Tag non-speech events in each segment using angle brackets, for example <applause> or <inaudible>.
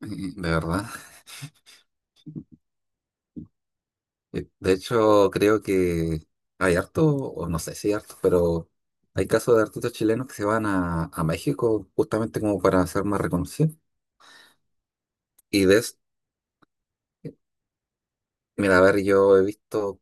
<laughs> Mm, de verdad. De hecho, creo que hay harto, o no sé si hay harto, pero hay casos de artistas chilenos que se van a México justamente como para ser más reconocidos. Y de es- mira, a ver, yo he visto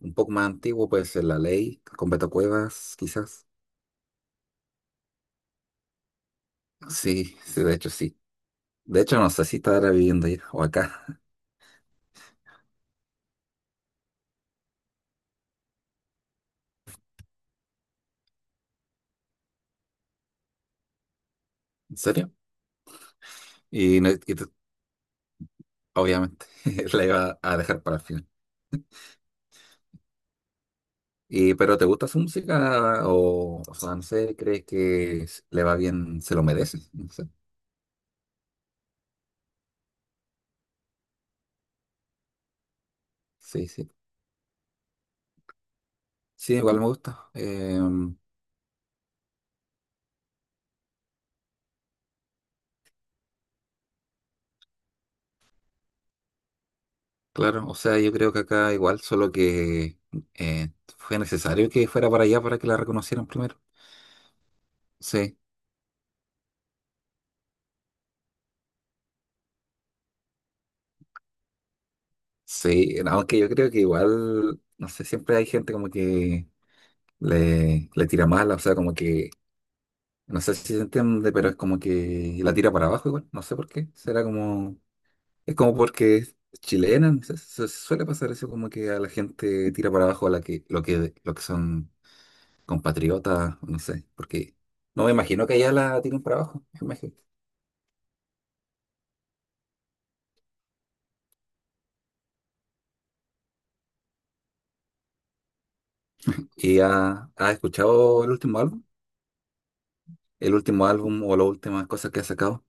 un poco más antiguo, pues en La Ley, con Beto Cuevas, quizás. Sí, sí. De hecho, no sé si estará viviendo ahí o acá. <laughs> ¿En serio? Y, no- y tú- obviamente <laughs> la iba a dejar para el final. Pero ¿te gusta su música? O sea, no sé, ¿crees que le va bien, se lo merece? No sé. Sí, sí. Sí, igual me gusta. Claro, o sea, yo creo que acá igual, solo que eh, fue necesario que fuera para allá para que la reconocieran primero. Sí, sí, no, aunque yo creo que igual, no sé, siempre hay gente como que le tira mala, o sea, como que, no sé si se entiende, pero es como que la tira para abajo igual, no sé por qué. Será como es como porque es chilena, se suele pasar eso como que a la gente tira para abajo a la que, lo que son compatriotas, no sé, porque no me imagino que allá la tiren para abajo, me imagino. ¿Y ha escuchado el último álbum? El último álbum o las últimas cosas que ha sacado,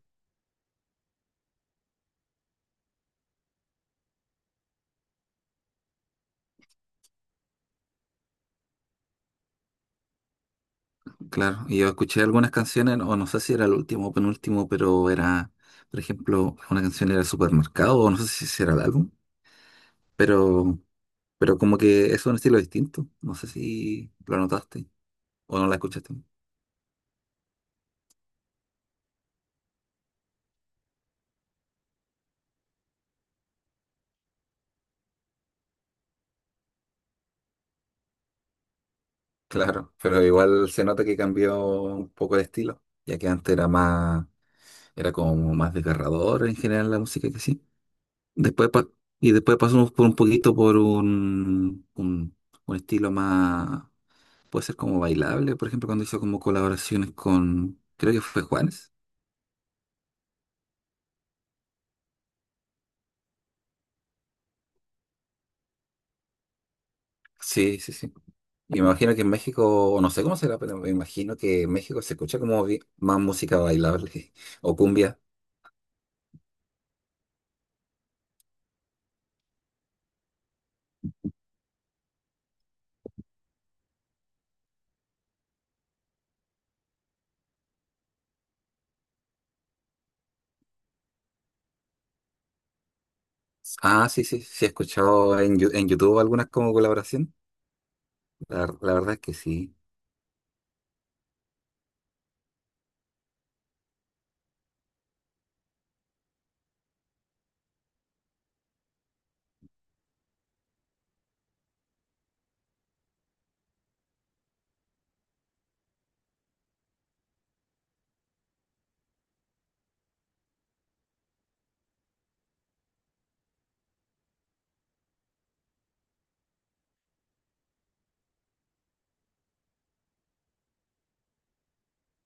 claro. Y yo escuché algunas canciones, o no sé si era el último o penúltimo, pero era, por ejemplo, una canción era Supermercado, o no sé si era el álbum, pero, pero como que es un estilo distinto, no sé si lo notaste. O no la escuchaste. Claro, pero igual se nota que cambió un poco el estilo, ya que antes era más, era como más desgarrador en general la música, que sí. Después pa- y después pasamos por un poquito por un estilo más, puede ser como bailable, por ejemplo, cuando hizo como colaboraciones con, creo que fue Juanes. Sí, sí, sí. Y me imagino que en México, o no sé cómo será, pero me imagino que en México se escucha como más música bailable <laughs> o cumbia. Ah, sí, sí, sí, he escuchado en YouTube algunas como colaboración. La verdad es que sí,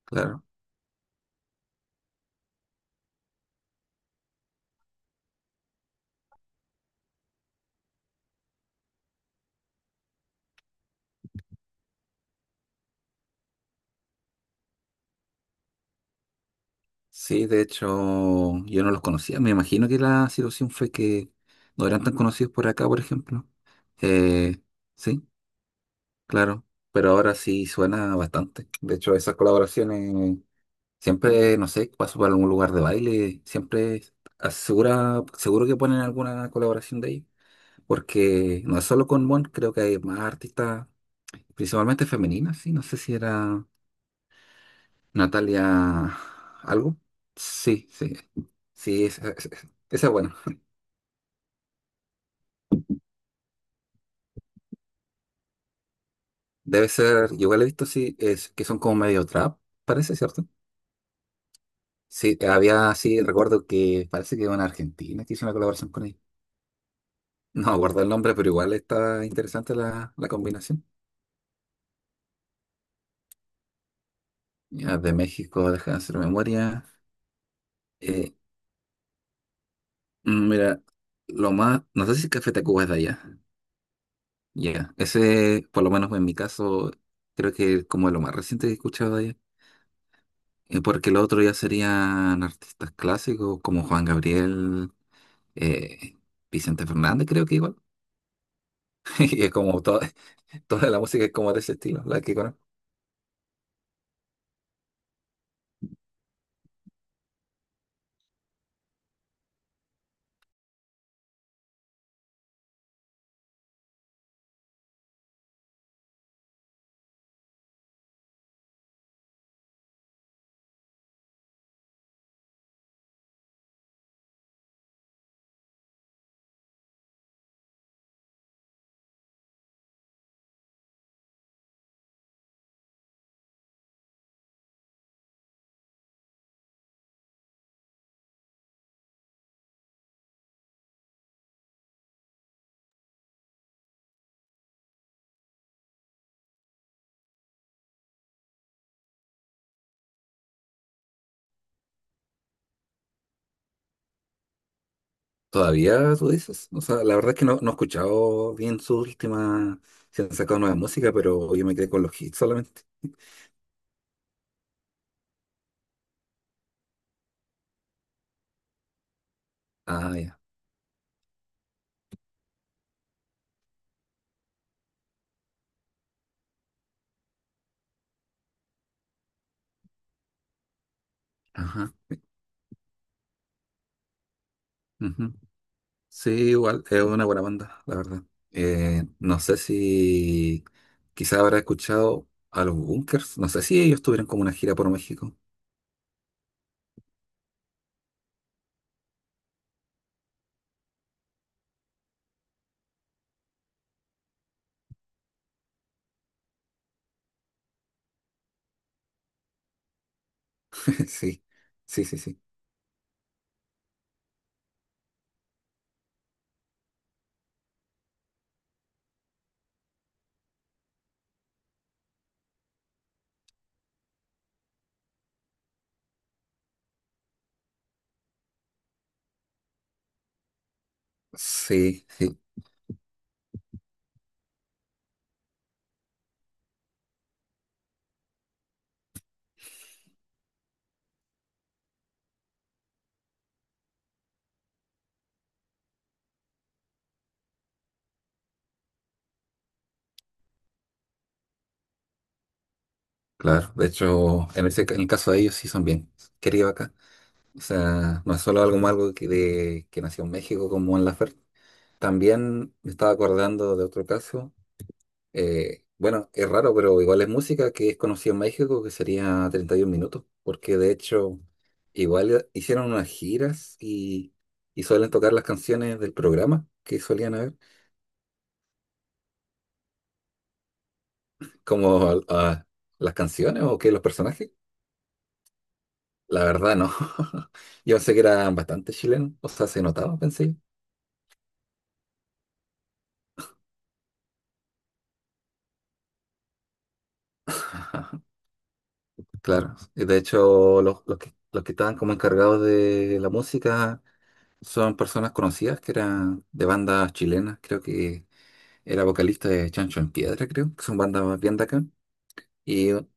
claro. Sí, de hecho, yo no los conocía. Me imagino que la situación fue que no eran tan conocidos por acá, por ejemplo. Eh, sí, claro. Pero ahora sí suena bastante. De hecho, esas colaboraciones siempre, no sé, paso por algún lugar de baile, siempre asegura, seguro que ponen alguna colaboración de ahí. Porque no es solo con Mon, creo que hay más artistas principalmente femeninas, sí, no sé si era Natalia algo. Sí, sí, sí, esa es buena. Debe ser, yo igual he visto, sí, es que son como medio trap, parece, ¿cierto? Sí, había, sí, recuerdo que parece que una argentina que hizo una colaboración con él. No guardo el nombre, pero igual está interesante la combinación. Ya, de México, deja de hacer memoria. Eh, mira, lo más, no sé si Café Tacuba es de allá. Ya, ese, por lo menos en mi caso, creo que es como lo más reciente que he escuchado de ella. Porque lo otro ya serían artistas clásicos como Juan Gabriel, eh, Vicente Fernández, creo que igual. <laughs> Y es como <laughs> toda la música es como de ese estilo, la que conozco. Todavía tú dices. O sea, la verdad es que no, no he escuchado bien su última, si han sacado nueva música, pero yo me quedé con los hits solamente. Ah, ya. Ajá. Sí, igual, es una buena banda, la verdad. No sé si quizás habrá escuchado a los Bunkers, no sé si ellos tuvieron como una gira por México. <laughs> Sí, sí, sí, sí. Sí, sí, claro. De hecho, en en el caso de ellos sí son bien queridos acá. O sea, no es solo algo malo que nació en México, como en la Laferte. También me estaba acordando de otro caso. Bueno, es raro, pero igual es música que es conocida en México, que sería 31 minutos, porque de hecho igual hicieron unas giras y suelen tocar las canciones del programa que solían haber, como las canciones o que los personajes. La verdad, no. <laughs> Yo pensé que eran bastante chilenos, o sea, se notaba, pensé yo. <laughs> Claro, y de hecho los que estaban como encargados de la música son personas conocidas que eran de bandas chilenas, creo que era vocalista de Chancho en Piedra, creo, que son bandas más bien de acá. Ujú,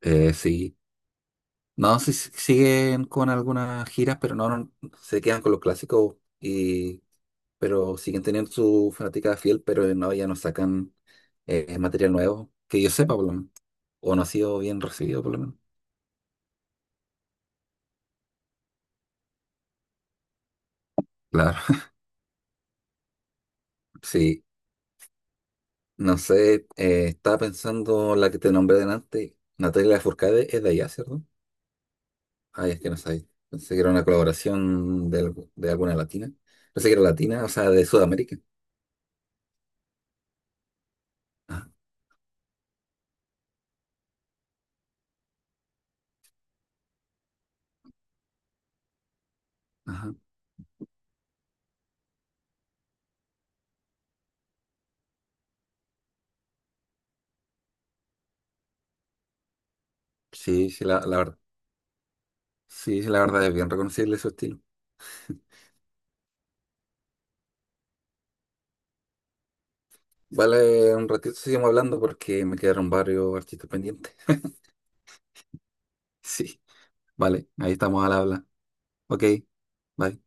sí. No, sí, sí, siguen con algunas giras, pero no, no, se quedan con los clásicos, y pero siguen teniendo su fanática fiel, pero no, ya no sacan material nuevo, que yo sepa por lo menos. O no ha sido bien recibido por lo menos. Claro. <laughs> Sí, no sé, estaba pensando la que te nombré delante, Natalia Lafourcade es de allá, ¿cierto? Ay, es que no sabía. Pensé que era una colaboración de, de alguna latina. Pensé que era latina, o sea, de Sudamérica. Ah, ajá. Sí, sí, la verdad. Sí, sí, la verdad es bien reconocible su estilo. Vale, un ratito seguimos hablando porque me quedaron varios artistas pendientes. <laughs> Sí, vale, ahí estamos al habla. Ok, bye.